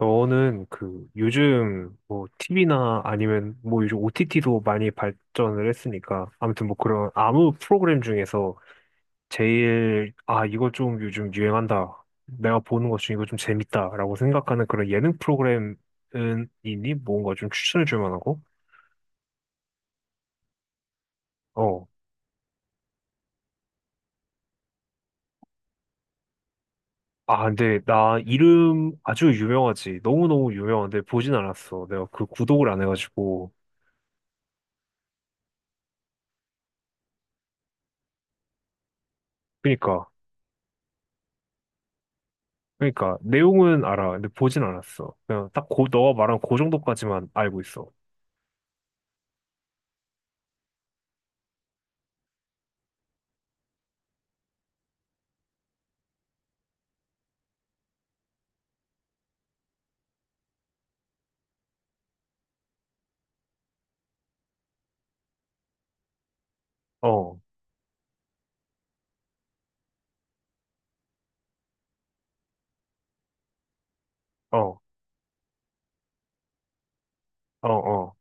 너는 그 요즘 뭐 TV나 아니면 뭐 요즘 OTT도 많이 발전을 했으니까 아무튼 뭐 그런 아무 프로그램 중에서 제일 아 이거 좀 요즘 유행한다 내가 보는 것 중에 이거 좀 재밌다라고 생각하는 그런 예능 프로그램은 있니? 뭔가 좀 추천해 줄 만하고? 어. 아 근데 나 이름 아주 유명하지 너무너무 유명한데 보진 않았어 내가 그 구독을 안 해가지고 그니까 그러니까 내용은 알아. 근데 보진 않았어. 그냥 딱 고, 너가 말한 그 정도까지만 알고 있어. 어, 어, 어, 어,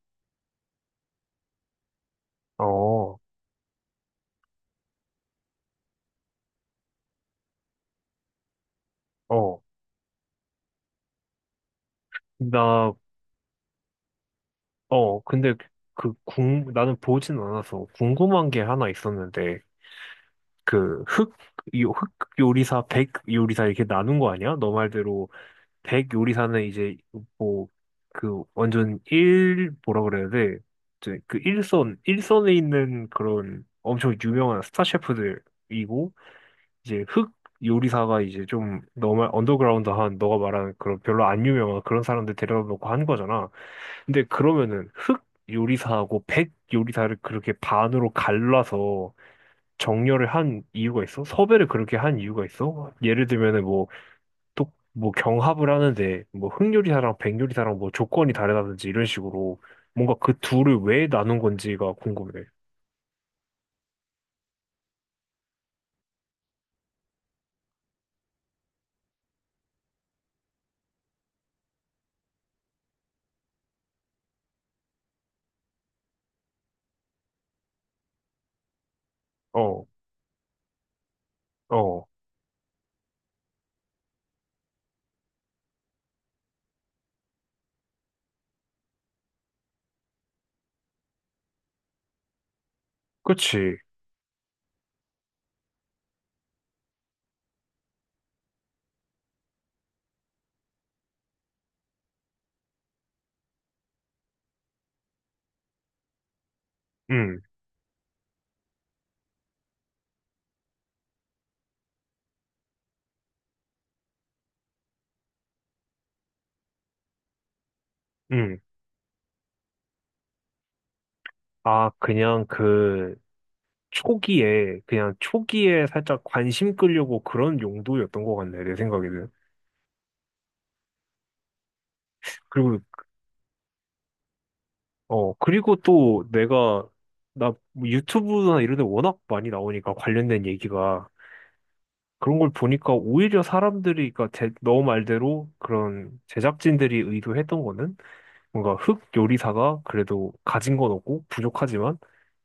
어, 어. 나, 근데 나는 보진 않아서 궁금한 게 하나 있었는데 그 흑, 요, 흑 요리사, 백 요리사 이렇게 나눈 거 아니야? 너 말대로 백 요리사는 이제 뭐 그 완전 일 뭐라 그래야 돼? 이제 그 일선에 있는 그런 엄청 유명한 스타 셰프들이고 이제 흑 요리사가 이제 좀 너무 언더그라운드한 너가 말하는 그런 별로 안 유명한 그런 사람들 데려다 놓고 한 거잖아. 근데 그러면은 흑 요리사하고 백 요리사를 그렇게 반으로 갈라서 정렬을 한 이유가 있어? 섭외를 그렇게 한 이유가 있어? 예를 들면은 뭐 또 뭐 경합을 하는데 뭐 흑 요리사랑 백 요리사랑 뭐 조건이 다르다든지 이런 식으로 뭔가 그 둘을 왜 나눈 건지가 궁금해. 어, 어, 그치. 음, 음. 아, 그냥 그 초기에 그냥 초기에 살짝 관심 끌려고 그런 용도였던 것 같네 내 생각에는. 그리고 그리고 또 내가 나뭐 유튜브나 이런 데 워낙 많이 나오니까 관련된 얘기가 그런 걸 보니까 오히려 사람들이 그러니까 너 말대로 그런 제작진들이 의도했던 거는 뭔가 흑 요리사가 그래도 가진 건 없고 부족하지만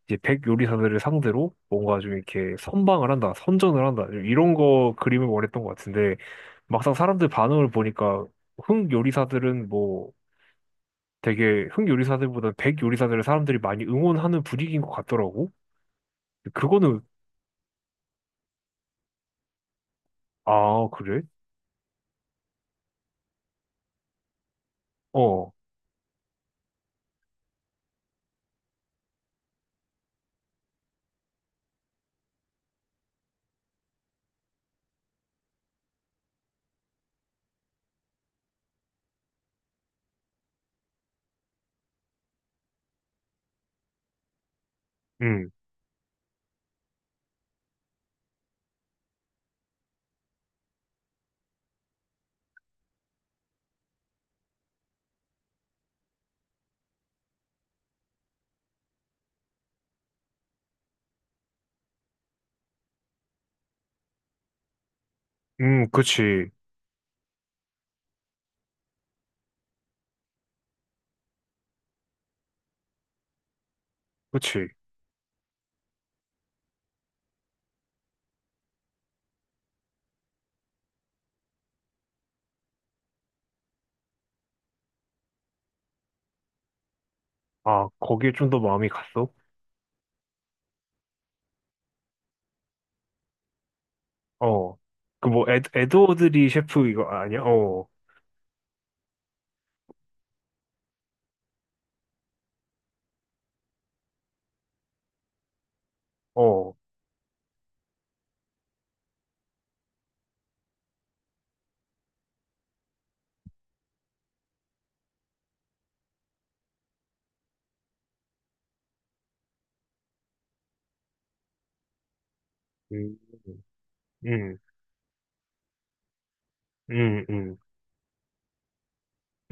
이제 백 요리사들을 상대로 뭔가 좀 이렇게 선방을 한다, 선전을 한다, 이런 거 그림을 원했던 것 같은데, 막상 사람들 반응을 보니까 흥 요리사들은 뭐 되게 흥 요리사들보다 백 요리사들을 사람들이 많이 응원하는 분위기인 것 같더라고. 그거는, 아, 그래? 어, 음, 그치, 그치. 아, 거기에 좀 더 마음이 갔어? 어. 그 뭐, 에드워드 리 셰프 이거 아니야? 어, 어. 음, 음, 음, 음.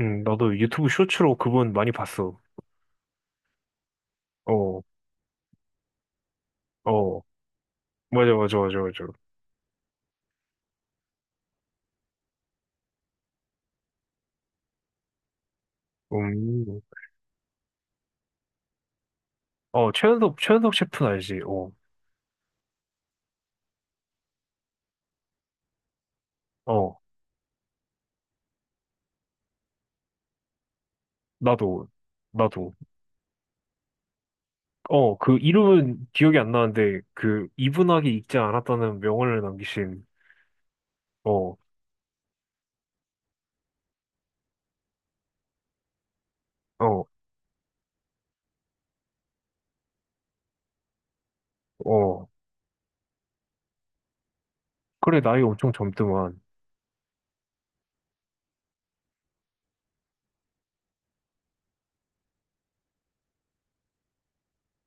응, 나도 유튜브 쇼츠로 그분 많이 봤어. 어, 어, 맞아, 맞아, 맞아, 맞아. 음, 어, 최현석 셰프는 알지? 어, 어, 나도, 나도. 어, 그 이름은 기억이 안 나는데, 그 이분하게 익지 않았다는 명언을 남기신, 어, 어, 어. 그래, 나이 엄청 젊더만.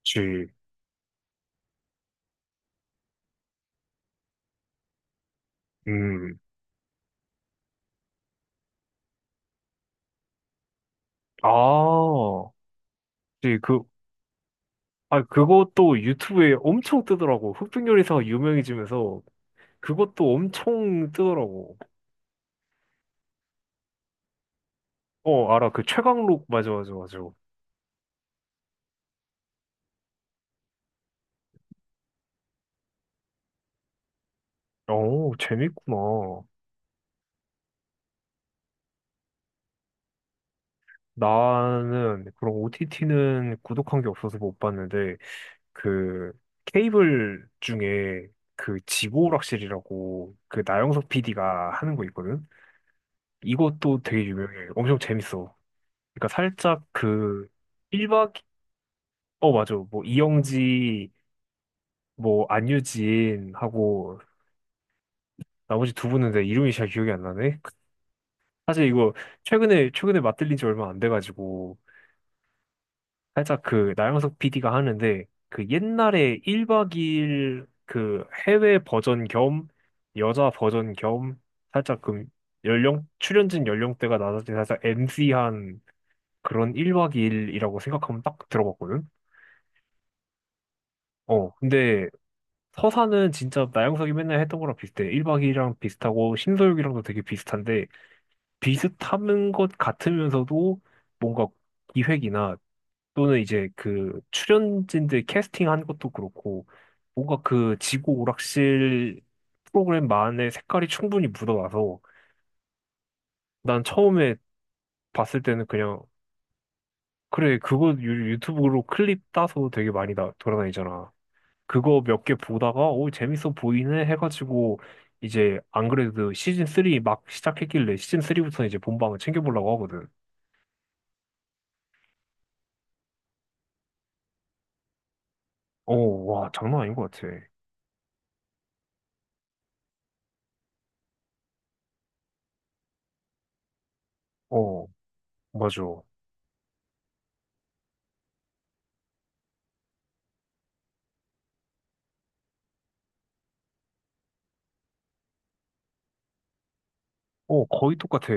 지, 음, 아, 지, 그, 아, 그것도 유튜브에 엄청 뜨더라고. 흑백 요리사가 유명해지면서 그것도 엄청 뜨더라고. 어, 알아. 그 최강록, 맞아, 맞아, 맞아. 어, 재밌구나. 나는 그런 OTT는 구독한 게 없어서 못 봤는데, 그 케이블 중에 그 지구오락실이라고 그 나영석 PD가 하는 거 있거든? 이것도 되게 유명해. 엄청 재밌어. 그러니까 살짝 그 1박, 어, 맞아. 뭐 이영지, 뭐 안유진하고 나머지 두 분은 내 이름이 잘 기억이 안 나네. 사실 이거 최근에 맞들린 지 얼마 안 돼가지고 살짝 그 나영석 PD가 하는데 그 옛날에 1박 2일 그 해외 버전 겸 여자 버전 겸 살짝 그 연령 출연진 연령대가 낮아진 살짝 MC한 그런 1박 2일이라고 생각하면 딱 들어봤거든. 어 근데 서사는 진짜 나영석이 맨날 했던 거랑 비슷해. 1박 2일이랑 비슷하고 신서유기랑도 되게 비슷한데 비슷한 것 같으면서도 뭔가 기획이나 또는 이제 그 출연진들 캐스팅한 것도 그렇고 뭔가 그 지구 오락실 프로그램만의 색깔이 충분히 묻어나서 난 처음에 봤을 때는 그냥 그래 그거 유튜브로 클립 따서 되게 많이 돌아다니잖아. 그거 몇 개 보다가 오 재밌어 보이네 해가지고 이제 안 그래도 시즌 3 막 시작했길래 시즌 3부터 이제 본방을 챙겨보려고 하거든. 어, 와, 장난 아닌 것 같아. 어, 맞아. 어, 거의 똑같아.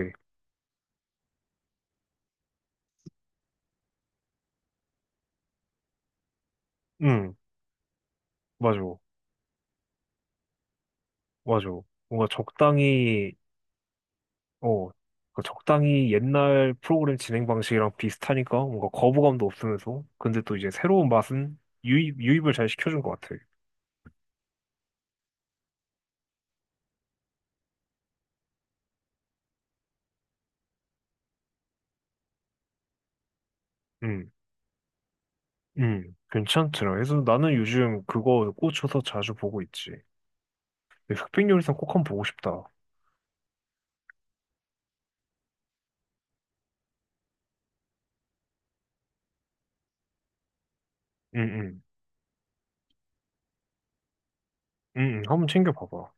응, 맞아. 맞아. 뭔가 적당히, 어, 그 적당히 옛날 프로그램 진행 방식이랑 비슷하니까 뭔가 거부감도 없으면서, 근데 또 이제 새로운 맛은 유입을 잘 시켜준 것 같아. 응, 응, 괜찮더라. 그래서 나는 요즘 그거 꽂혀서 자주 보고 있지. 흑백요리상 꼭 한번 보고 싶다. 응, 응, 응, 응, 한번 챙겨봐봐.